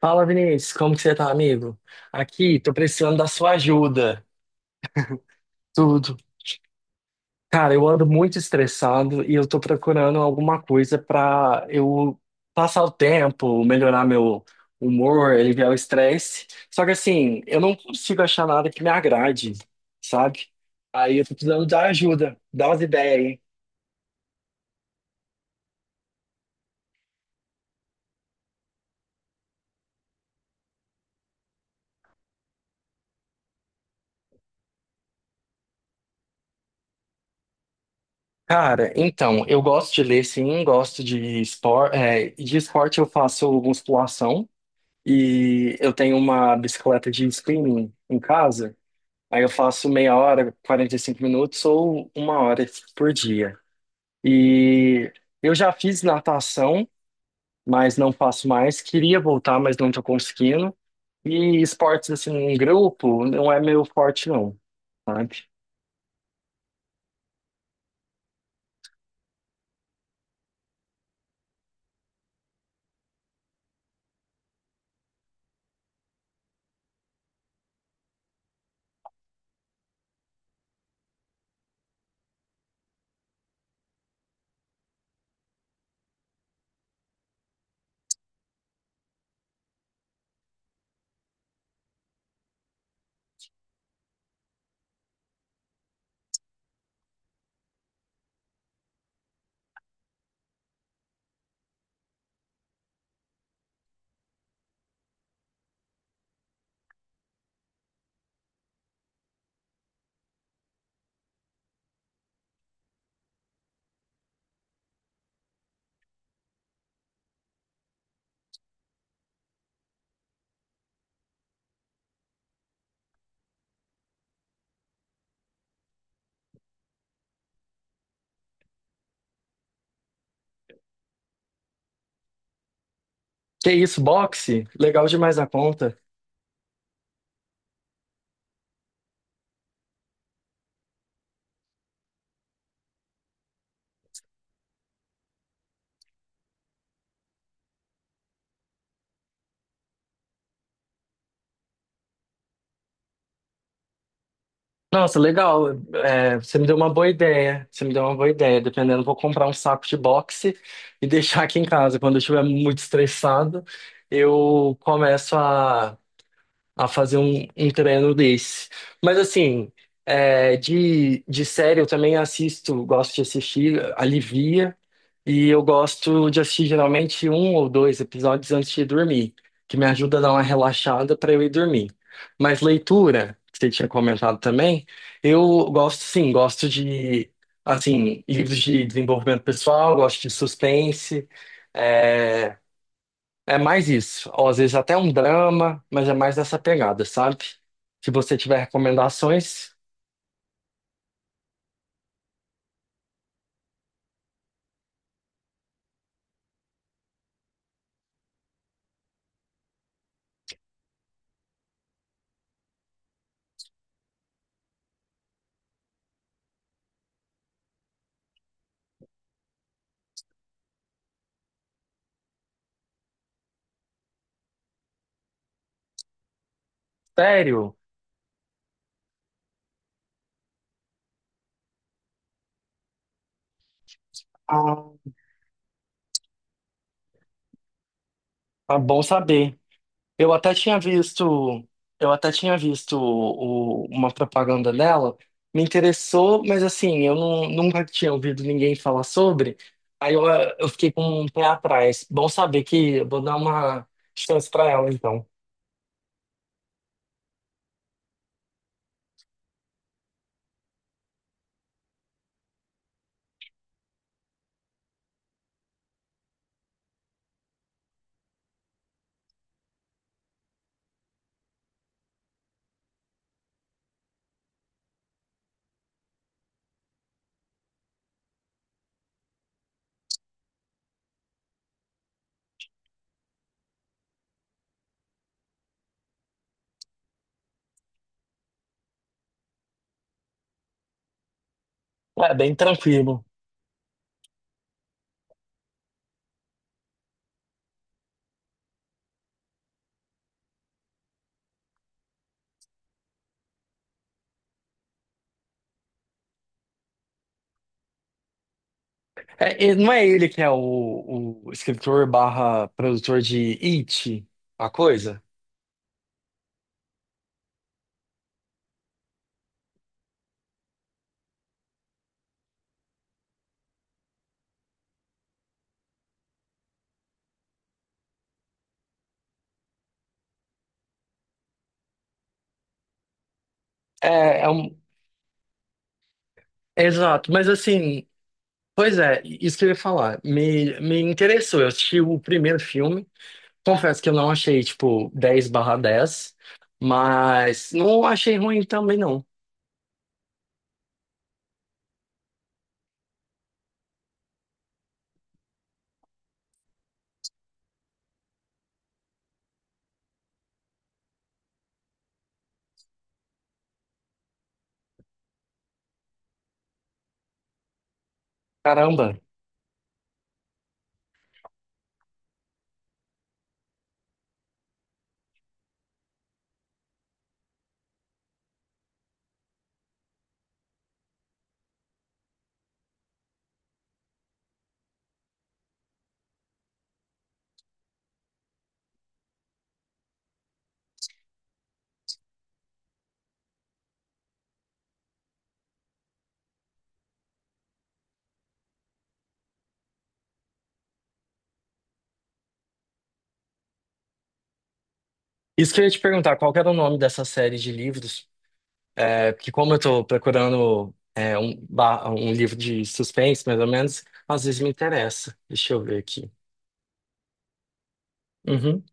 Fala, Vinícius, como que você tá, amigo? Aqui, tô precisando da sua ajuda. Tudo. Cara, eu ando muito estressado e eu tô procurando alguma coisa pra eu passar o tempo, melhorar meu humor, aliviar o estresse. Só que assim, eu não consigo achar nada que me agrade, sabe? Aí eu tô precisando da ajuda, dá umas ideias aí. Cara, então, eu gosto de ler, sim, gosto de esporte. De esporte eu faço musculação. E eu tenho uma bicicleta de spinning em casa. Aí eu faço meia hora, 45 minutos ou uma hora por dia. E eu já fiz natação, mas não faço mais. Queria voltar, mas não tô conseguindo. E esportes assim em grupo não é meu forte não, sabe? Que isso, boxe? Legal demais na conta. Nossa, legal. É, você me deu uma boa ideia. Você me deu uma boa ideia. Dependendo, vou comprar um saco de boxe e deixar aqui em casa. Quando eu estiver muito estressado, eu começo a fazer um treino desse. Mas assim, é, de série eu também assisto, gosto de assistir, alivia, e eu gosto de assistir geralmente um ou dois episódios antes de dormir, que me ajuda a dar uma relaxada para eu ir dormir. Mas leitura, que você tinha comentado também, eu gosto sim, gosto de assim, livros de desenvolvimento pessoal, gosto de suspense. é, é mais isso. Ou às vezes até um drama, mas é mais dessa pegada, sabe? Se você tiver recomendações, sério, ah, tá bom saber. Eu até tinha visto, eu até tinha visto uma propaganda dela, me interessou, mas assim, eu não- nunca tinha ouvido ninguém falar sobre. Aí eu fiquei com um pé atrás. Bom saber que eu vou dar uma chance pra ela, então. É bem tranquilo. É, e não é ele que é o escritor/produtor de It, a coisa? É é exato, mas assim, pois é, isso que eu ia falar, me interessou, eu assisti o primeiro filme, confesso que eu não achei, tipo, 10/10, mas não achei ruim também não, caramba. Isso que eu ia te perguntar, qual que era o nome dessa série de livros? É, porque como eu tô procurando é, um, um livro de suspense, mais ou menos, às vezes me interessa. Deixa eu ver aqui. Uhum.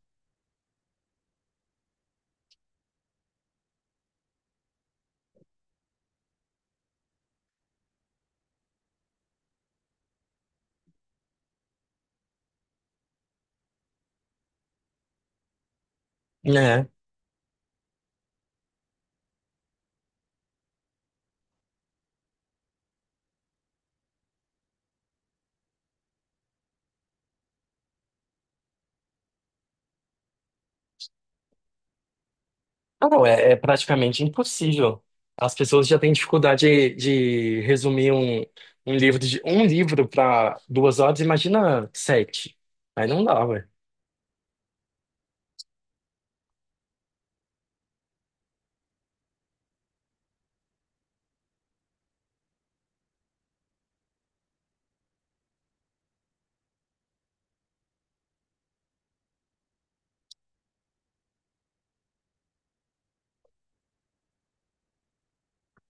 É. Ah, não, é praticamente impossível. As pessoas já têm dificuldade de resumir um, livro de um livro para 2 horas, imagina sete. Aí não dá, ué.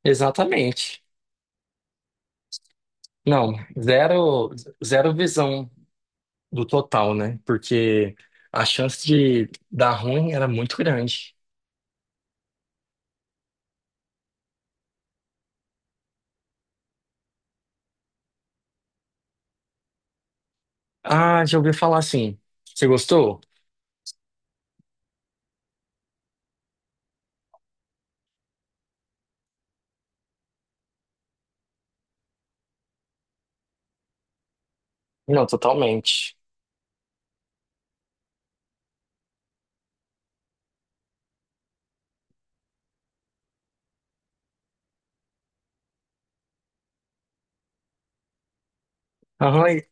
Exatamente. Não, zero, zero visão do total, né? Porque a chance de dar ruim era muito grande. Ah, já ouvi falar assim. Você gostou? Não, totalmente. Aham, e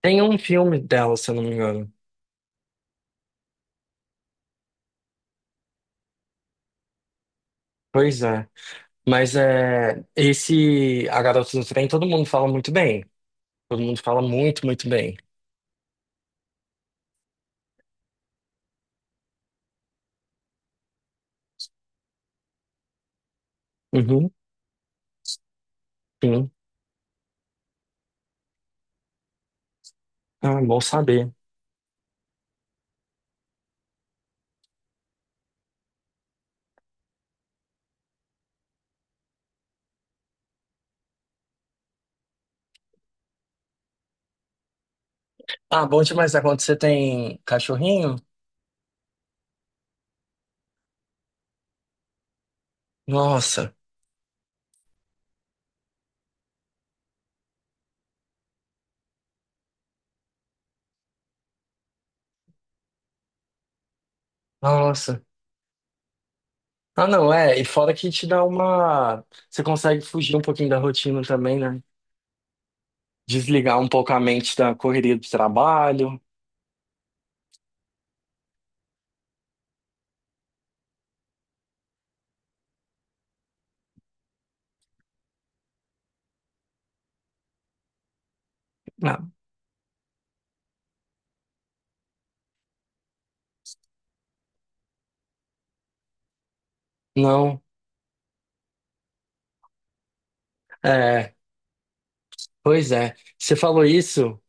tem um filme dela, se eu não me engano. Pois é. Mas é, esse A Garota do Trem, todo mundo fala muito bem. Todo mundo fala muito, muito bem. Uhum, sim. Ah, bom saber. Ah, bom demais. É quando você tem cachorrinho? Nossa, nossa. Ah, não, é. E fora que te dá uma. Você consegue fugir um pouquinho da rotina também, né? Desligar um pouco a mente da correria do trabalho. Ah, não. É, pois é. Você falou isso,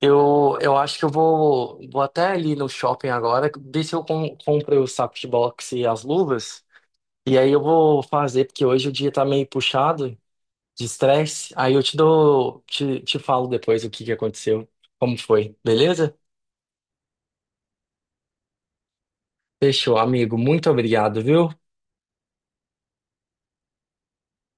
eu acho que eu vou até ali no shopping agora, ver se eu compro os sacos de boxe e as luvas, e aí eu vou fazer, porque hoje o dia tá meio puxado de estresse, aí te falo depois o que que aconteceu, como foi, beleza? Fechou, amigo, muito obrigado, viu?